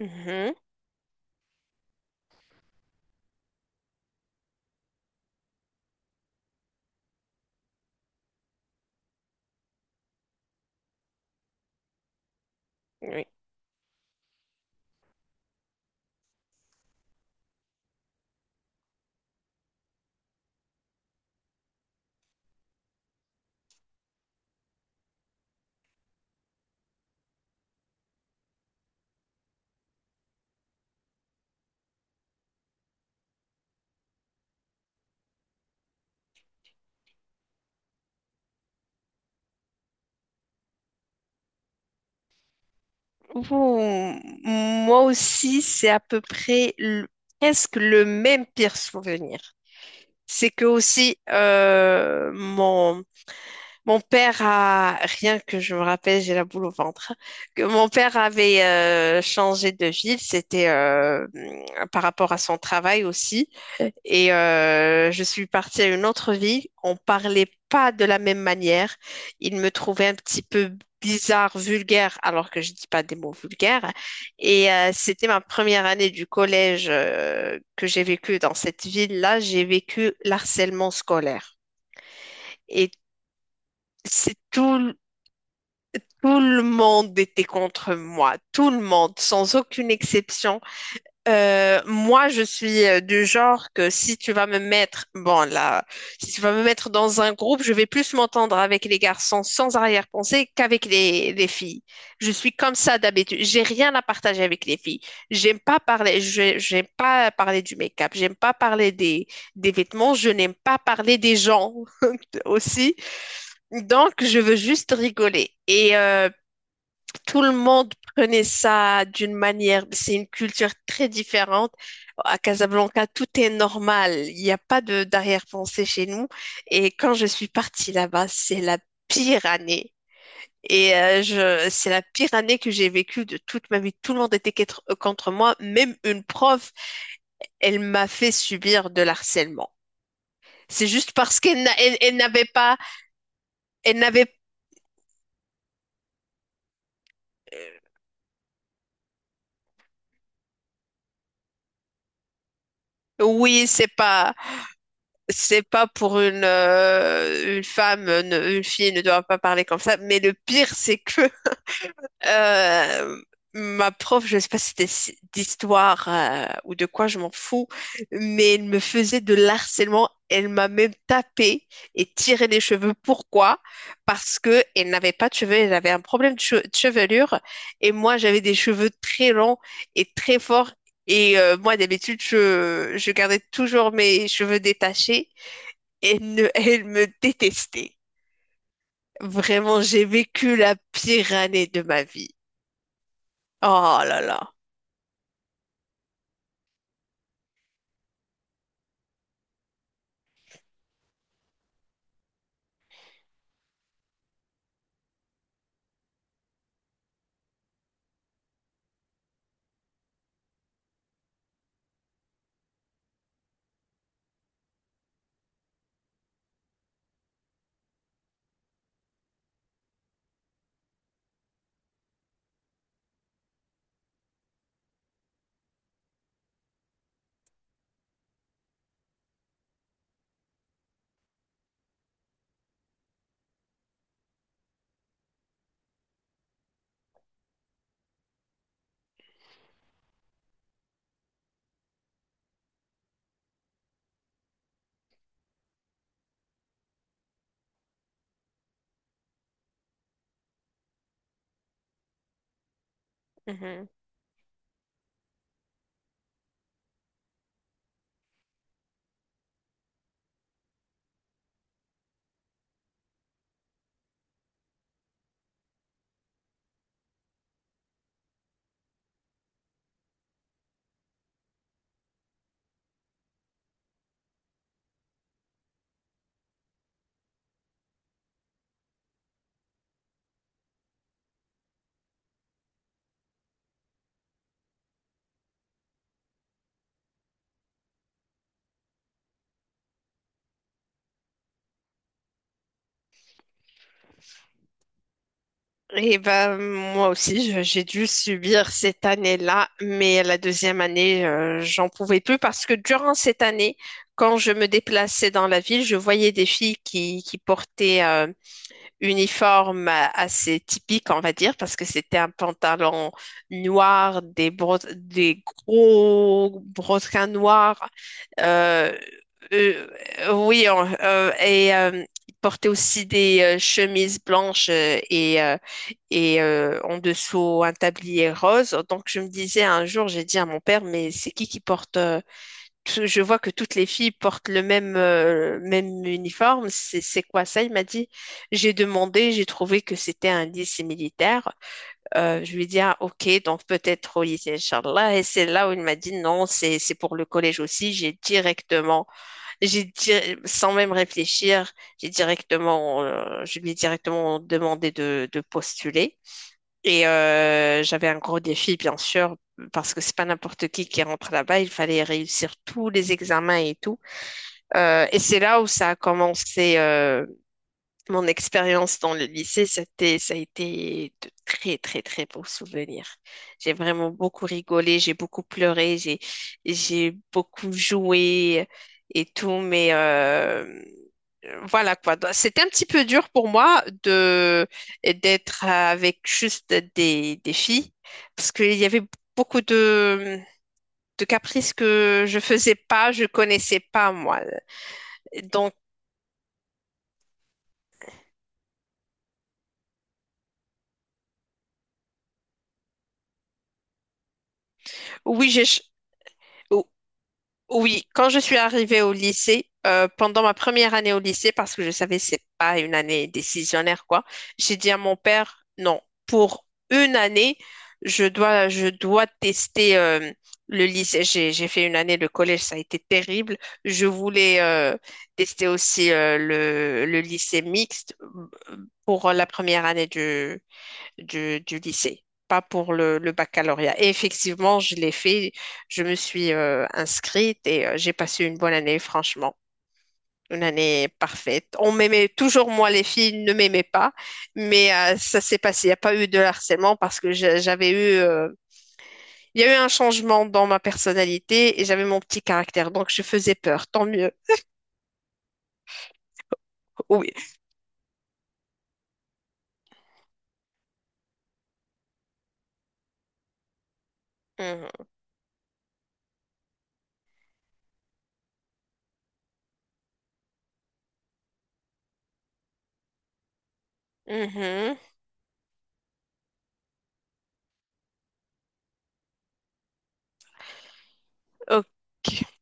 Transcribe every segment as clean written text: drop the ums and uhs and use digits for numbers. Mhm. Oui. Ouh, moi aussi, c'est à peu près presque le même pire souvenir. C'est que aussi, mon père rien que je me rappelle, j'ai la boule au ventre, que mon père avait changé de ville. C'était par rapport à son travail aussi. Et je suis partie à une autre ville. On parlait pas de la même manière. Il me trouvait un petit peu bizarre, vulgaire, alors que je dis pas des mots vulgaires. Et c'était ma première année du collège que j'ai vécu dans cette ville-là. J'ai vécu l'harcèlement scolaire. Et c'est tout, tout le monde était contre moi. Tout le monde, sans aucune exception. Moi, je suis du genre que si tu vas me mettre, bon là, si tu vas me mettre dans un groupe, je vais plus m'entendre avec les garçons sans arrière-pensée qu'avec les filles. Je suis comme ça d'habitude. J'ai rien à partager avec les filles. J'aime pas parler, j'aime pas parler du make-up, j'aime pas parler des vêtements, je n'aime pas parler des gens aussi. Donc, je veux juste rigoler. Et tout le monde prenait ça d'une manière. C'est une culture très différente. À Casablanca, tout est normal. Il n'y a pas de d'arrière-pensée chez nous. Et quand je suis partie là-bas, c'est la pire année. Et c'est la pire année que j'ai vécue de toute ma vie. Tout le monde était contre moi. Même une prof, elle m'a fait subir de l'harcèlement. C'est juste parce qu'elle n'a- elle n'avait pas, elle n'avait, oui, c'est pas pour une femme, une fille ne doit pas parler comme ça. Mais le pire, c'est que euh, ma prof, je sais pas si c'était d'histoire ou de quoi, je m'en fous, mais elle me faisait de l'harcèlement. Elle m'a même tapé et tiré les cheveux. Pourquoi? Parce que elle n'avait pas de cheveux, elle avait un problème de chevelure et moi j'avais des cheveux très longs et très forts. Et moi d'habitude je gardais toujours mes cheveux détachés et ne, elle me détestait. Vraiment, j'ai vécu la pire année de ma vie. Oh là là. Mhm. Et ben moi aussi, j'ai dû subir cette année-là, mais la deuxième année, j'en pouvais plus parce que durant cette année, quand je me déplaçais dans la ville, je voyais des filles qui portaient uniforme assez typique, on va dire, parce que c'était un pantalon noir, des gros brodequins noirs. Euh, euh, oui, il portait aussi des chemises blanches, en dessous un tablier rose. Donc je me disais un jour, j'ai dit à mon père, mais c'est qui porte je vois que toutes les filles portent le même, même uniforme. C'est quoi ça? Il m'a dit. J'ai demandé, j'ai trouvé que c'était un lycée militaire. Je lui ai dit, ah, ok, donc peut-être au lycée, Inch'Allah. Et c'est là où il m'a dit, non, c'est pour le collège aussi. J'ai directement, j'ai di- sans même réfléchir, je lui ai directement demandé de postuler. Et j'avais un gros défi, bien sûr, parce que c'est pas n'importe qui rentre là-bas. Il fallait réussir tous les examens et tout. Et c'est là où ça a commencé. Mon expérience dans le lycée, ça a été de très, très, très beaux souvenirs. J'ai vraiment beaucoup rigolé, j'ai beaucoup pleuré, j'ai beaucoup joué et tout, mais voilà quoi. Donc, c'était un petit peu dur pour moi d'être avec juste des filles parce qu'il y avait beaucoup de caprices que je faisais pas, je connaissais pas moi. Donc, oui, j'ai, ch- Oui, quand je suis arrivée au lycée, pendant ma première année au lycée, parce que je savais c'est pas une année décisionnaire quoi, j'ai dit à mon père, non, pour une année, je dois tester le lycée. J'ai fait une année de collège, ça a été terrible. Je voulais tester aussi le lycée mixte euh, pour la première année du lycée, pas pour le baccalauréat. Et effectivement, je l'ai fait, je me suis inscrite et j'ai passé une bonne année, franchement. Une année parfaite. On m'aimait toujours, moi, les filles ne m'aimaient pas, mais ça s'est passé. Il n'y a pas eu de harcèlement parce que il y a eu un changement dans ma personnalité et j'avais mon petit caractère, donc je faisais peur. Tant mieux. Oui. Mhm. Mhm. Ok.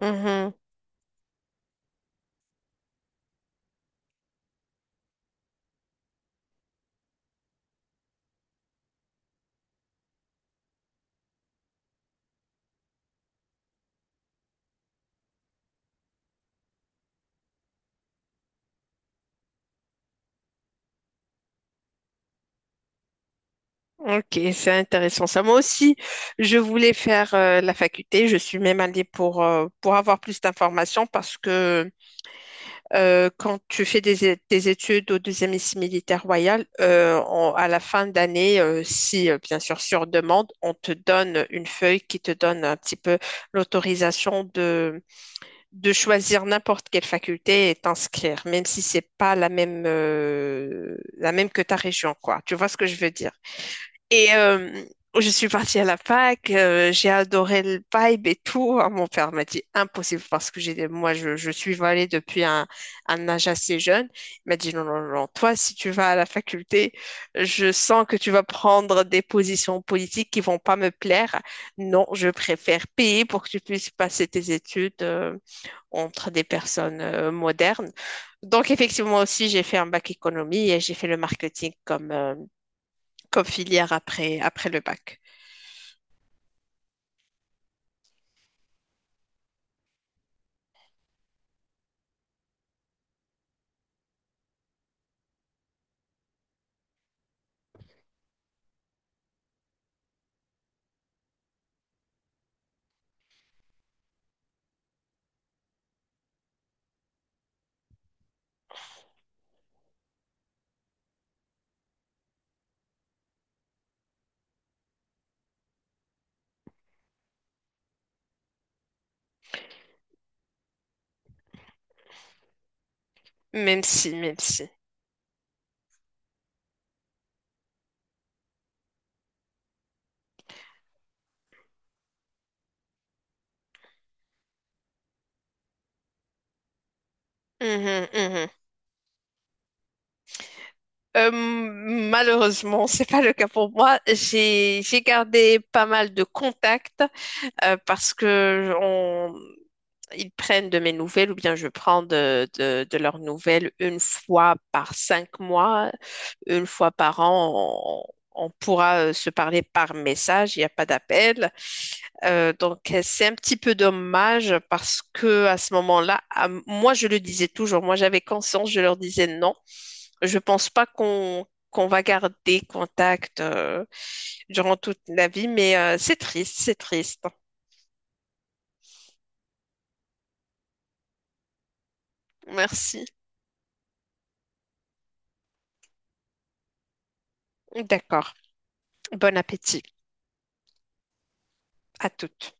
Mhm. Ok, c'est intéressant ça. Moi aussi, je voulais faire la faculté. Je suis même allée pour avoir plus d'informations parce que quand tu fais des études au deuxième lycée militaire royal, à la fin d'année, si bien sûr sur demande, on te donne une feuille qui te donne un petit peu l'autorisation de choisir n'importe quelle faculté et t'inscrire, même si c'est pas la même, la même que ta région, quoi. Tu vois ce que je veux dire? Et je suis partie à la fac. J'ai adoré le vibe et tout. Ah, mon père m'a dit impossible parce que moi, je suis allée depuis un âge assez jeune. Il m'a dit non, non, non, toi, si tu vas à la faculté, je sens que tu vas prendre des positions politiques qui vont pas me plaire. Non, je préfère payer pour que tu puisses passer tes études entre des personnes modernes. Donc, effectivement, aussi, j'ai fait un bac économie et j'ai fait le marketing comme comme filière après le bac. Même si, même si. Mhm, mhm. Malheureusement, c'est pas le cas pour moi. J'ai gardé pas mal de contacts parce que ils prennent de mes nouvelles ou bien je prends de leurs nouvelles une fois par 5 mois, une fois par an. On pourra se parler par message, il n'y a pas d'appel. Donc, c'est un petit peu dommage parce que à ce moment-là, moi, je le disais toujours, moi, j'avais conscience, je leur disais non. Je pense pas qu'on va garder contact durant toute la vie, mais c'est triste, c'est triste. Merci. D'accord. Bon appétit à toutes.